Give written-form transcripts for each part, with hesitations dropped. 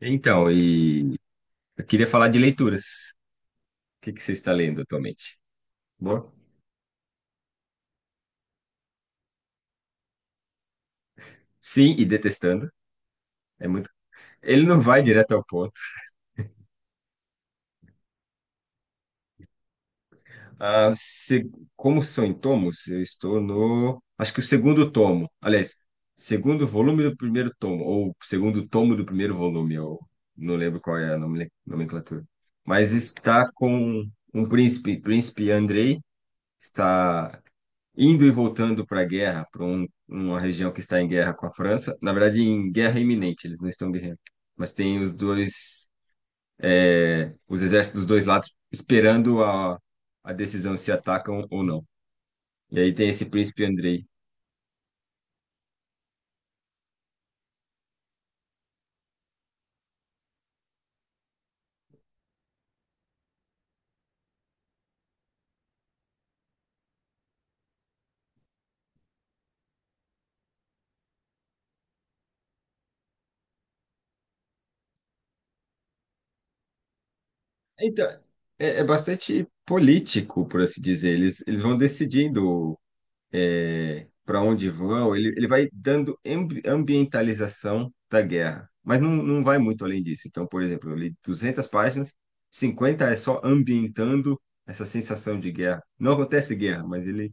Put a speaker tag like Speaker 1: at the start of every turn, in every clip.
Speaker 1: Então, e eu queria falar de leituras. O que que você está lendo atualmente? Bom, sim, e detestando. É muito. Ele não vai direto ao ponto. Ah, se... Como são em tomos, eu estou no. Acho que o segundo tomo. Aliás, segundo volume do primeiro tomo, ou segundo tomo do primeiro volume, eu não lembro qual é a nome- nomenclatura. Mas está com um príncipe, príncipe Andrei, está indo e voltando para a guerra, para uma região que está em guerra com a França. Na verdade, em guerra iminente, eles não estão guerreando. Mas tem os dois, é, os exércitos dos dois lados esperando a decisão se atacam ou não. E aí tem esse príncipe Andrei. Então, é bastante político, por assim dizer. Eles vão decidindo para onde vão, ele vai dando ambi- ambientalização da guerra, mas não vai muito além disso. Então, por exemplo, eu li 200 páginas, 50 é só ambientando essa sensação de guerra. Não acontece guerra, mas ele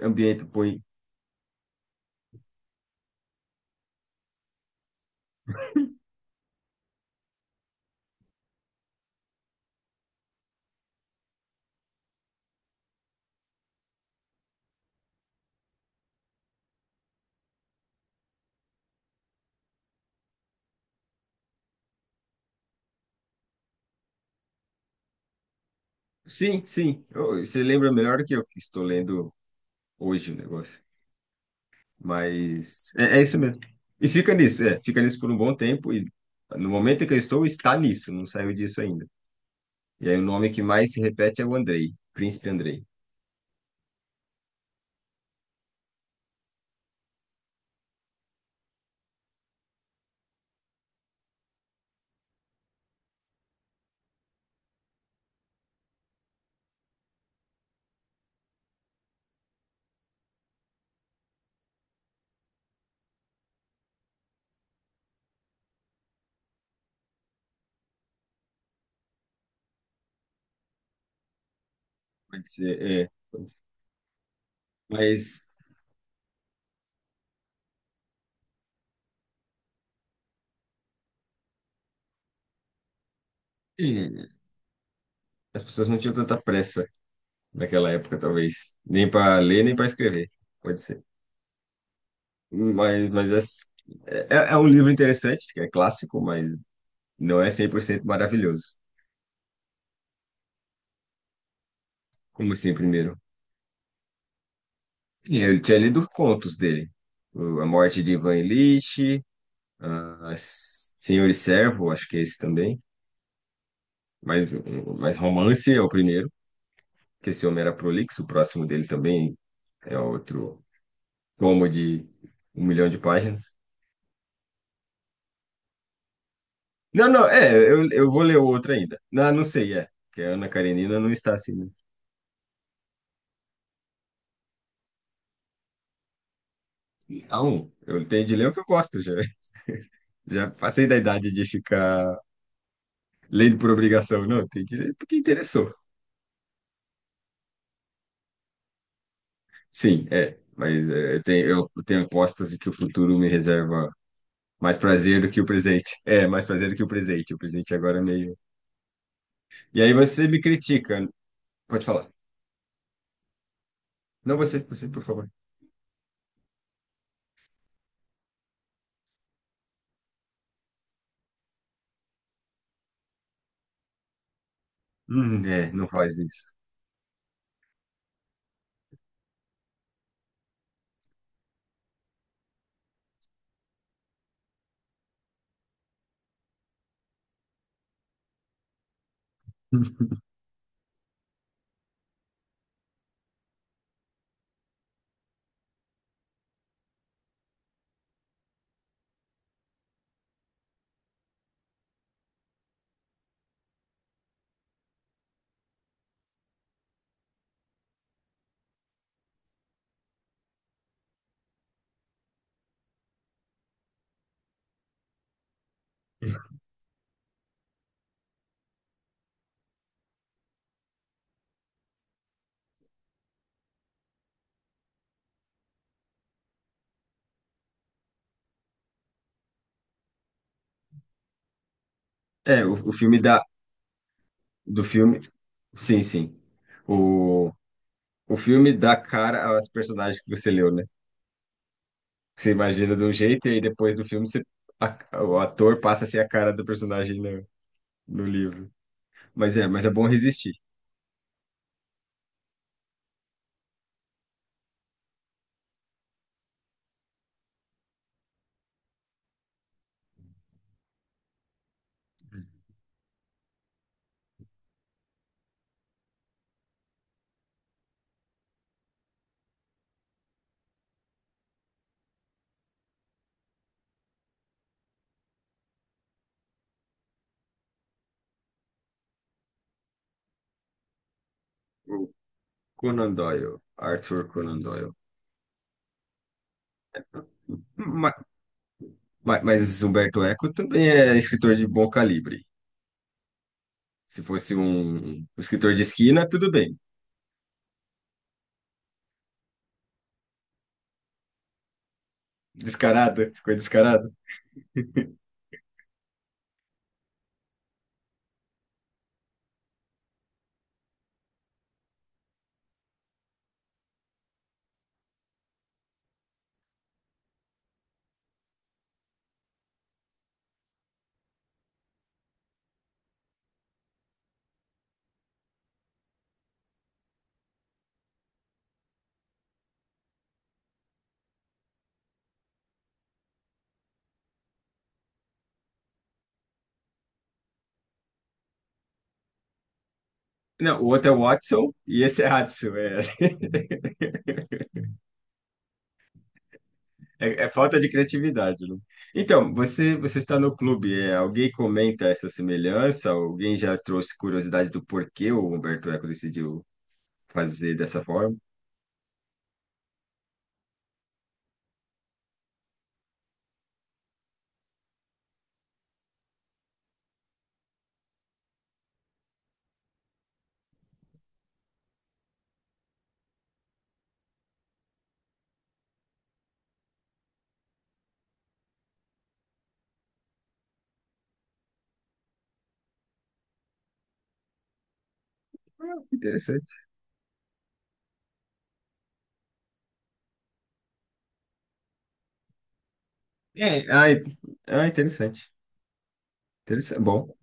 Speaker 1: ambienta, põe. Sim, sim, eu- você lembra melhor do que eu que estou lendo hoje o negócio, mas é isso mesmo. E fica nisso, é, fica nisso por um bom tempo e no momento em que eu estou, está nisso, não saiu disso ainda. E aí o nome que mais se repete é o Andrei, Príncipe Andrei. Pode ser, é. Pode ser. Mas eh, as pessoas não tinham tanta pressa naquela época, talvez. Nem para ler, nem para escrever. Pode ser. Mas é, é um livro interessante, que é clássico, mas não é cem por cento maravilhoso. Como assim, primeiro? Eu tinha lido contos dele. O- A Morte de Ivan Ilitch, a S- Senhor e Servo, acho que é esse também. Mas, um- mas Romance é o primeiro, que esse homem era prolixo, o próximo dele também é outro como de um milhão de páginas. Não, não, é, eu vou ler o outro ainda. Não, não sei, é. Porque a Ana Karenina não está assim. Né? A um, eu tenho de ler o que eu gosto, já, já passei da idade de ficar lendo por obrigação. Não, eu tenho de ler porque interessou. Sim, é, mas é, eu tenho apostas de que o futuro me reserva mais prazer do que o presente. É, mais prazer do que o presente. O presente agora é meio. E aí você me critica. Pode falar. Não, você, por favor. É, não faz isso. É, o filme dá do filme? Sim, sim. O, o filme dá cara aos personagens que você leu, né? Você imagina de um jeito e aí depois do filme você, a- o ator passa a ser a cara do personagem no livro. Mas é bom resistir. O Conan Doyle, Arthur Conan Doyle. Ma- Humberto Eco também é escritor de bom calibre. Se fosse um escritor de esquina, tudo bem. Descarado, ficou descarado. Não, o outro é Watson e esse é Hudson. É. É, é falta de criatividade, né? Então, você está no clube, é, alguém comenta essa semelhança? Alguém já trouxe curiosidade do porquê o Humberto Eco decidiu fazer dessa forma? Ah, que interessante. É- ah, interessante. Interessante. Bom,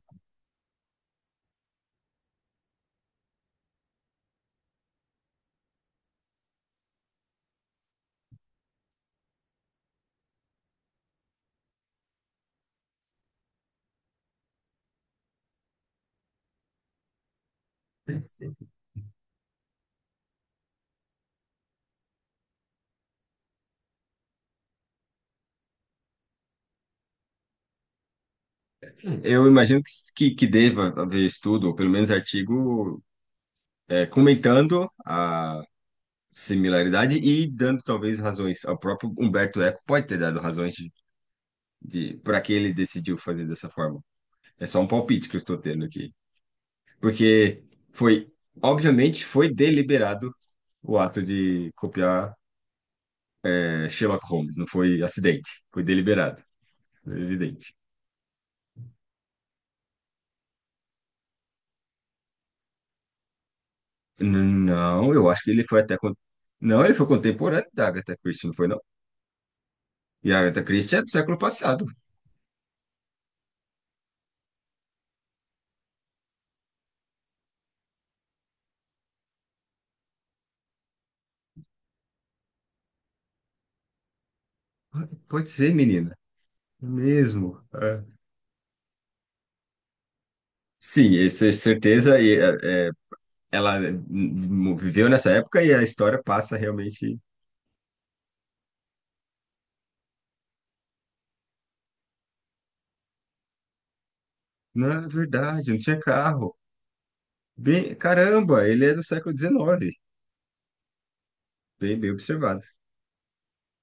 Speaker 1: eu imagino que deva haver estudo, ou pelo menos artigo, é, comentando a similaridade e dando talvez razões. O próprio Humberto Eco pode ter dado razões de para que ele decidiu fazer dessa forma. É só um palpite que eu estou tendo aqui. Porque foi, obviamente, foi deliberado o ato de copiar é, Sherlock Holmes, não foi acidente, foi deliberado, evidente. N- Não, eu acho que ele foi até. Con- Não, ele foi contemporâneo da Agatha Christie, não foi, não? E a Agatha Christie é do século passado. Pode ser, menina. É mesmo. É. Sim, isso é certeza. E, é, é, ela viveu nessa época e a história passa realmente. Não, é verdade, não tinha carro. Bem, caramba, ele é do século XIX. Bem, bem observado.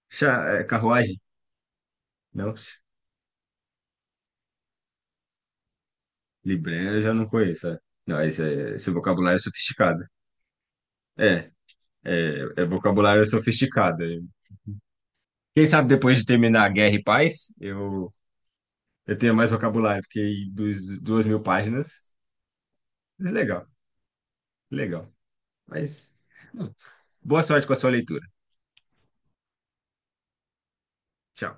Speaker 1: Chá, é, carruagem? Não, libré eu já não conheço. É. Não, esse, é- esse vocabulário é sofisticado. É, é, é vocabulário sofisticado. Quem sabe depois de terminar a Guerra e Paz, eu tenho mais vocabulário, porque dos, 2.000 páginas, legal, legal. Mas, bom, boa sorte com a sua leitura. Tchau.